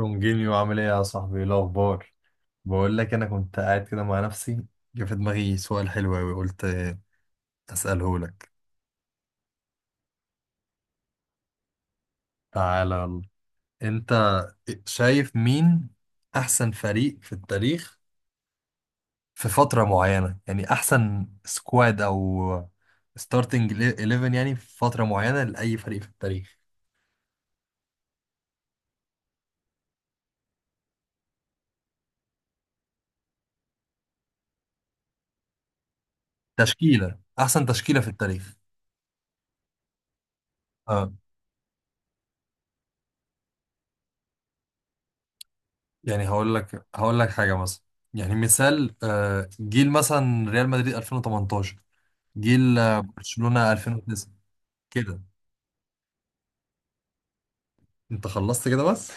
رونجينيو، عامل ايه يا صاحبي؟ ايه الاخبار؟ بقول لك، انا كنت قاعد كده مع نفسي، جه في دماغي سؤال حلو قوي، قلت اساله لك. تعالى يلا. انت شايف مين احسن فريق في التاريخ في فترة معينة؟ يعني احسن سكواد او ستارتنج 11 يعني في فترة معينة لاي فريق في التاريخ. تشكيلة، احسن تشكيلة في التاريخ. اه يعني هقول لك حاجة مثلا، يعني مثال، جيل مثلا ريال مدريد 2018، جيل برشلونة 2009 كده. انت خلصت كده بس؟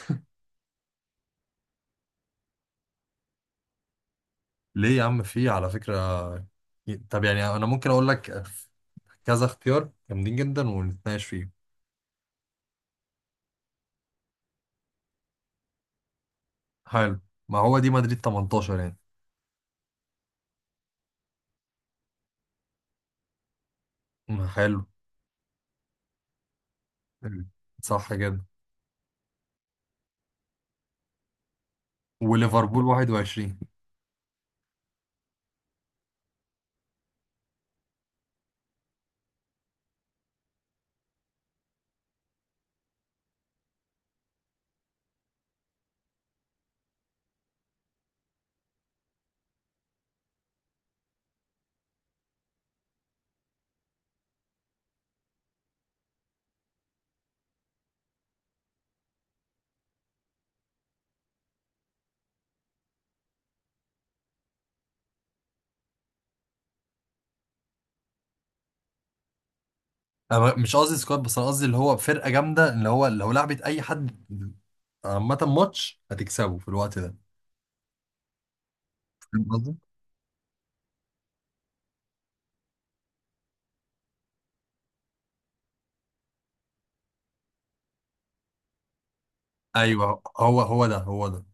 ليه يا عم، في على فكرة. طب يعني انا ممكن اقول لك كذا اختيار جامدين جدا ونتناقش فيه. حلو، ما هو دي مدريد 18 يعني. ما حلو. حلو. صح كده. وليفربول 21. انا مش قصدي سكواد، بس انا قصدي اللي هو فرقة جامدة، اللي هو لو لعبت اي حد عامة ماتش هتكسبه في الوقت ده. فاهم قصدي؟ ايوه، هو ده هو ده.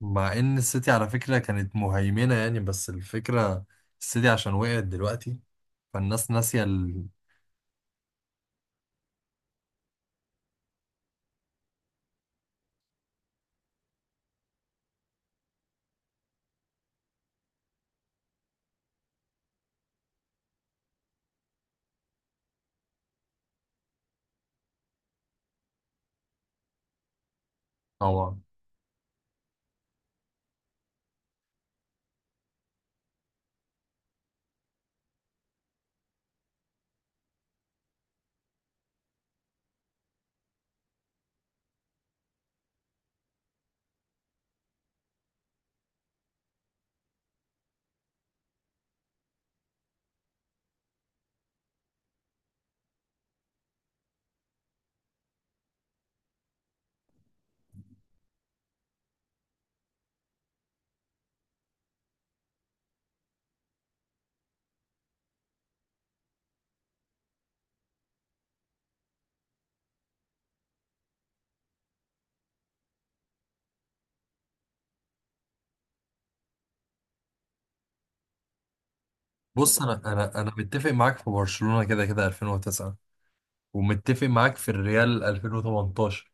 مع ان السيتي على فكرة كانت مهيمنة يعني. بس الفكرة، السيتي عشان وقعت دلوقتي، فالناس ناسية طبعا. بص، انا متفق معاك في برشلونة كده كده 2009، ومتفق معاك في الريال 2018،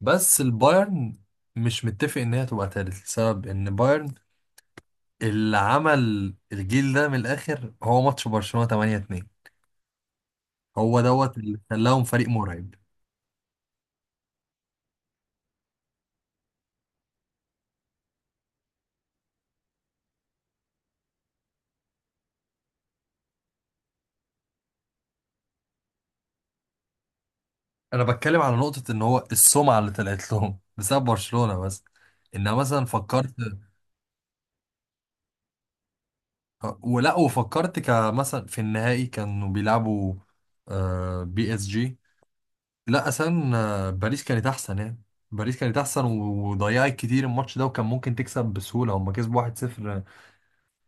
بس البايرن مش متفق ان هي تبقى تالت، لسبب ان بايرن اللي عمل الجيل ده من الاخر هو ماتش برشلونة 8-2. هو دوت اللي خلاهم فريق مرعب. انا بتكلم على نقطة ان هو السمعة اللي طلعت لهم بسبب برشلونة بس، انها مثلا فكرت ولا وفكرت كمثلا في النهائي كانوا بيلعبوا PSG. لا اصلا، باريس كانت احسن يعني، باريس كانت احسن وضيعت كتير الماتش ده، وكان ممكن تكسب بسهولة. هم كسبوا 1-0.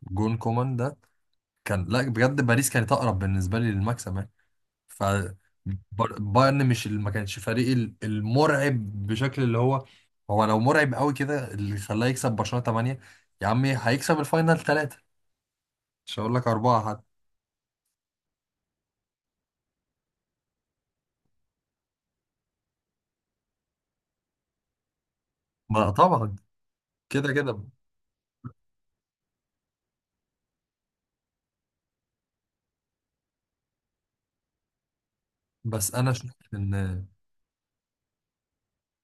جون كومان ده كان، لا بجد باريس كانت اقرب بالنسبة لي للمكسب يعني. ف بايرن مش، ما كانش فريق المرعب بشكل اللي هو، هو لو مرعب قوي كده اللي خلاه يكسب برشلونة 8، يا عمي هيكسب الفاينل 3، مش هقول لك 4 حتى. ما طبعا. كده كده. بس انا شايف ان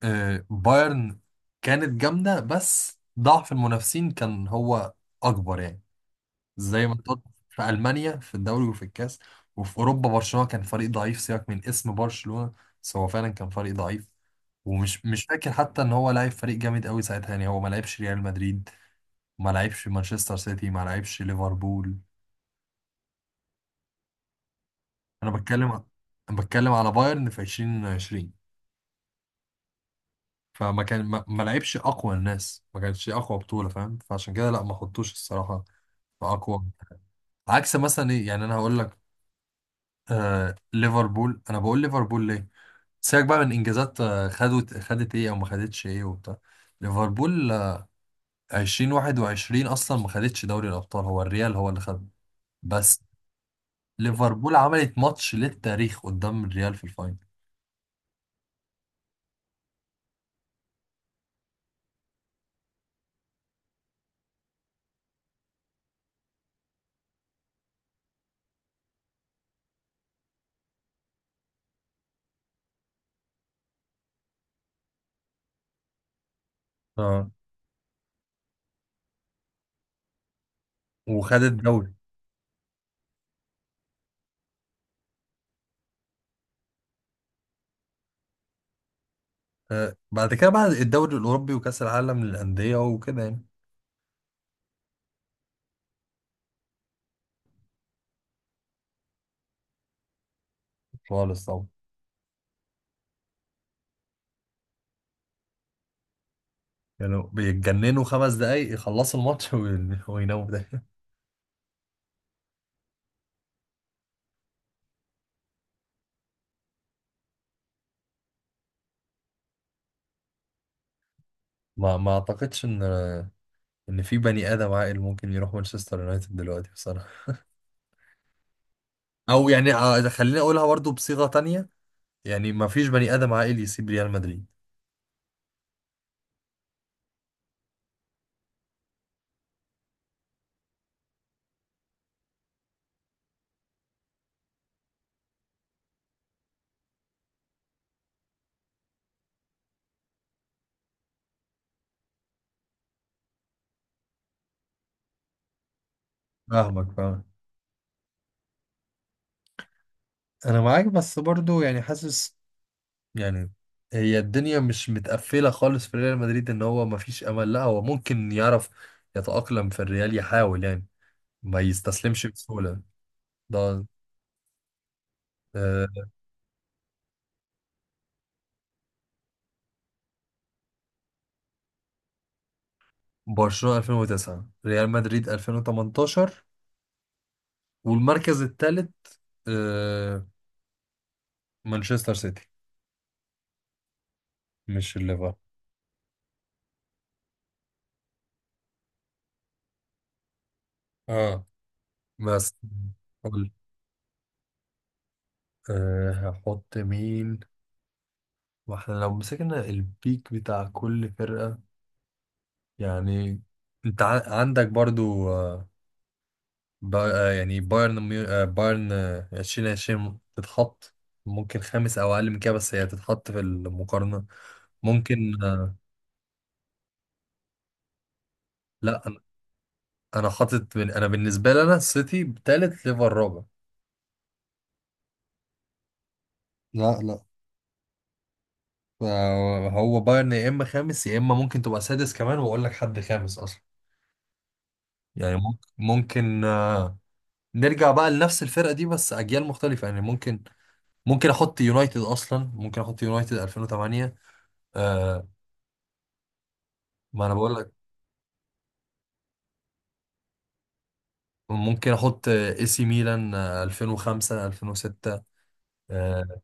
بايرن كانت جامدة، بس ضعف المنافسين كان هو اكبر يعني. زي ما اتحط في المانيا في الدوري وفي الكاس، وفي اوروبا برشلونه كان فريق ضعيف. سيبك من اسم برشلونه، بس هو فعلا كان فريق ضعيف. ومش مش فاكر حتى ان هو لعب فريق جامد قوي ساعتها يعني. هو ما لعبش ريال مدريد، ما لعبش مانشستر سيتي، ما لعبش ليفربول. انا بتكلم انا بتكلم على بايرن في 2020. فما كان ما لعبش اقوى الناس، ما كانتش اقوى بطوله فاهم، فعشان كده لا، ما حطوش الصراحه في اقوى. عكس مثلا ايه يعني، انا هقول لك. ليفربول، انا بقول ليفربول ليه. سيبك بقى من انجازات، خدت ايه او ما خدتش ايه وبتاع. ليفربول 2021 اصلا ما خدتش دوري الابطال، هو الريال هو اللي خد. بس ليفربول عملت ماتش للتاريخ قدام الريال في الفاينل. اه، وخدت دوري بعد كده، بعد الدوري الاوروبي وكاس العالم للانديه وكده يعني. خالص طبعا. يعني بيتجننوا 5 دقايق يخلصوا الماتش ويناموا ده. ما اعتقدش ان في بني ادم عاقل ممكن يروح مانشستر يونايتد دلوقتي بصراحه. او يعني إذا خليني اقولها برضو بصيغة تانية، يعني ما فيش بني ادم عاقل يسيب ريال مدريد. فاهمك فاهمك. انا معاك، بس برضو يعني حاسس يعني، هي الدنيا مش متقفلة خالص في ريال مدريد ان هو ما فيش امل، لا هو ممكن يعرف يتأقلم في الريال، يحاول يعني، ما يستسلمش بسهولة. ده آه، برشلونة 2009، ريال مدريد 2018، والمركز الثالث مانشستر سيتي، مش الليفر. اه بس. أه هحط مين؟ واحنا لو مسكنا البيك بتاع كل فرقة، يعني انت عندك برضو با آه، يعني بايرن 2020 تتحط ممكن خامس او اقل من كده، بس هي تتحط في المقارنة ممكن لا انا. انا بالنسبة لي انا السيتي تالت ليفر رابع. لا لا. هو بايرن يا اما خامس يا اما ممكن تبقى سادس كمان، واقول لك حد خامس اصلا يعني. ممكن نرجع بقى لنفس الفرقة دي بس أجيال مختلفة. يعني ممكن أحط يونايتد، أصلا ممكن أحط يونايتد 2008. آه ما أنا بقول لك. ممكن أحط AC ميلان 2005 2006. آه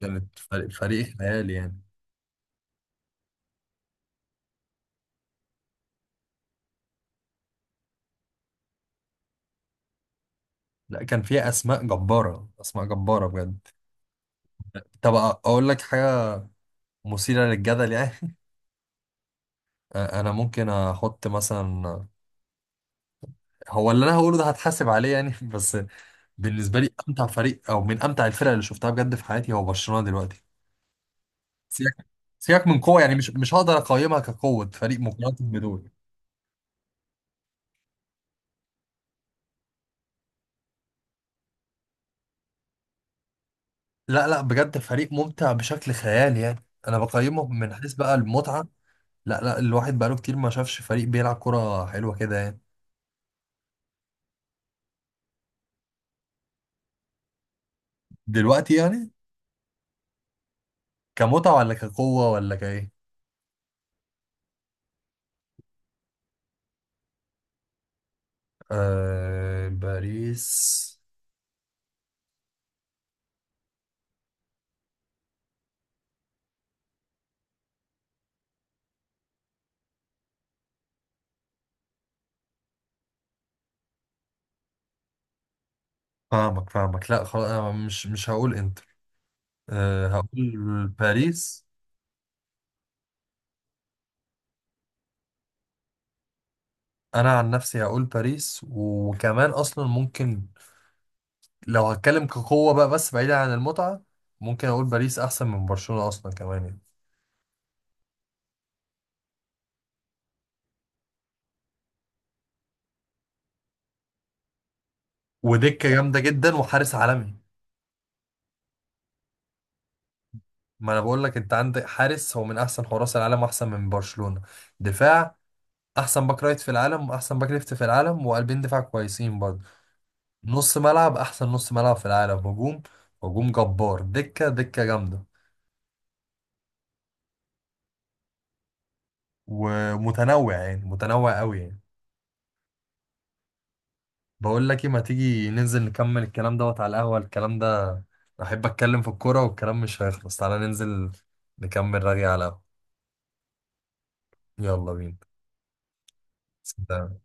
كانت فريق خيالي يعني. لا كان فيها أسماء جبارة، أسماء جبارة بجد. طب أقول لك حاجة مثيرة للجدل يعني أنا ممكن أحط مثلا، هو اللي أنا هقوله ده هتحاسب عليه يعني بس بالنسبة لي، أمتع فريق أو من أمتع الفرق اللي شفتها بجد في حياتي هو برشلونة دلوقتي. سيبك سيبك من قوة، يعني مش هقدر أقيمها كقوة فريق مقارنة بدول. لا لا، بجد فريق ممتع بشكل خيالي يعني، أنا بقيمه من حيث بقى المتعة. لا لا، الواحد بقاله كتير ما شافش فريق بيلعب كرة حلوة كده يعني. دلوقتي يعني، كمتعة ولا كقوة ولا كإيه؟ آه باريس. فاهمك فاهمك. لا خلاص، أنا مش هقول إنتر، آه هقول باريس. أنا عن نفسي هقول باريس، وكمان أصلا ممكن، لو هتكلم كقوة بقى بس بعيدا عن المتعة، ممكن أقول باريس أحسن من برشلونة أصلا كمان يعني. ودكة جامدة جدا، وحارس عالمي. ما أنا بقول لك، أنت عندك حارس هو من أحسن حراس العالم أحسن من برشلونة. دفاع، أحسن باك رايت في العالم وأحسن باك ليفت في العالم، وقلبين دفاع كويسين برضه. نص ملعب، أحسن نص ملعب في العالم. هجوم، هجوم جبار. دكة، دكة جامدة. ومتنوع يعني متنوع قوي يعني. بقول لك ايه، ما تيجي ننزل نكمل الكلام دوت على القهوة. الكلام ده، احب اتكلم في الكورة والكلام مش هيخلص. تعالى ننزل نكمل رغي على القهوة. يلا بينا. سلام.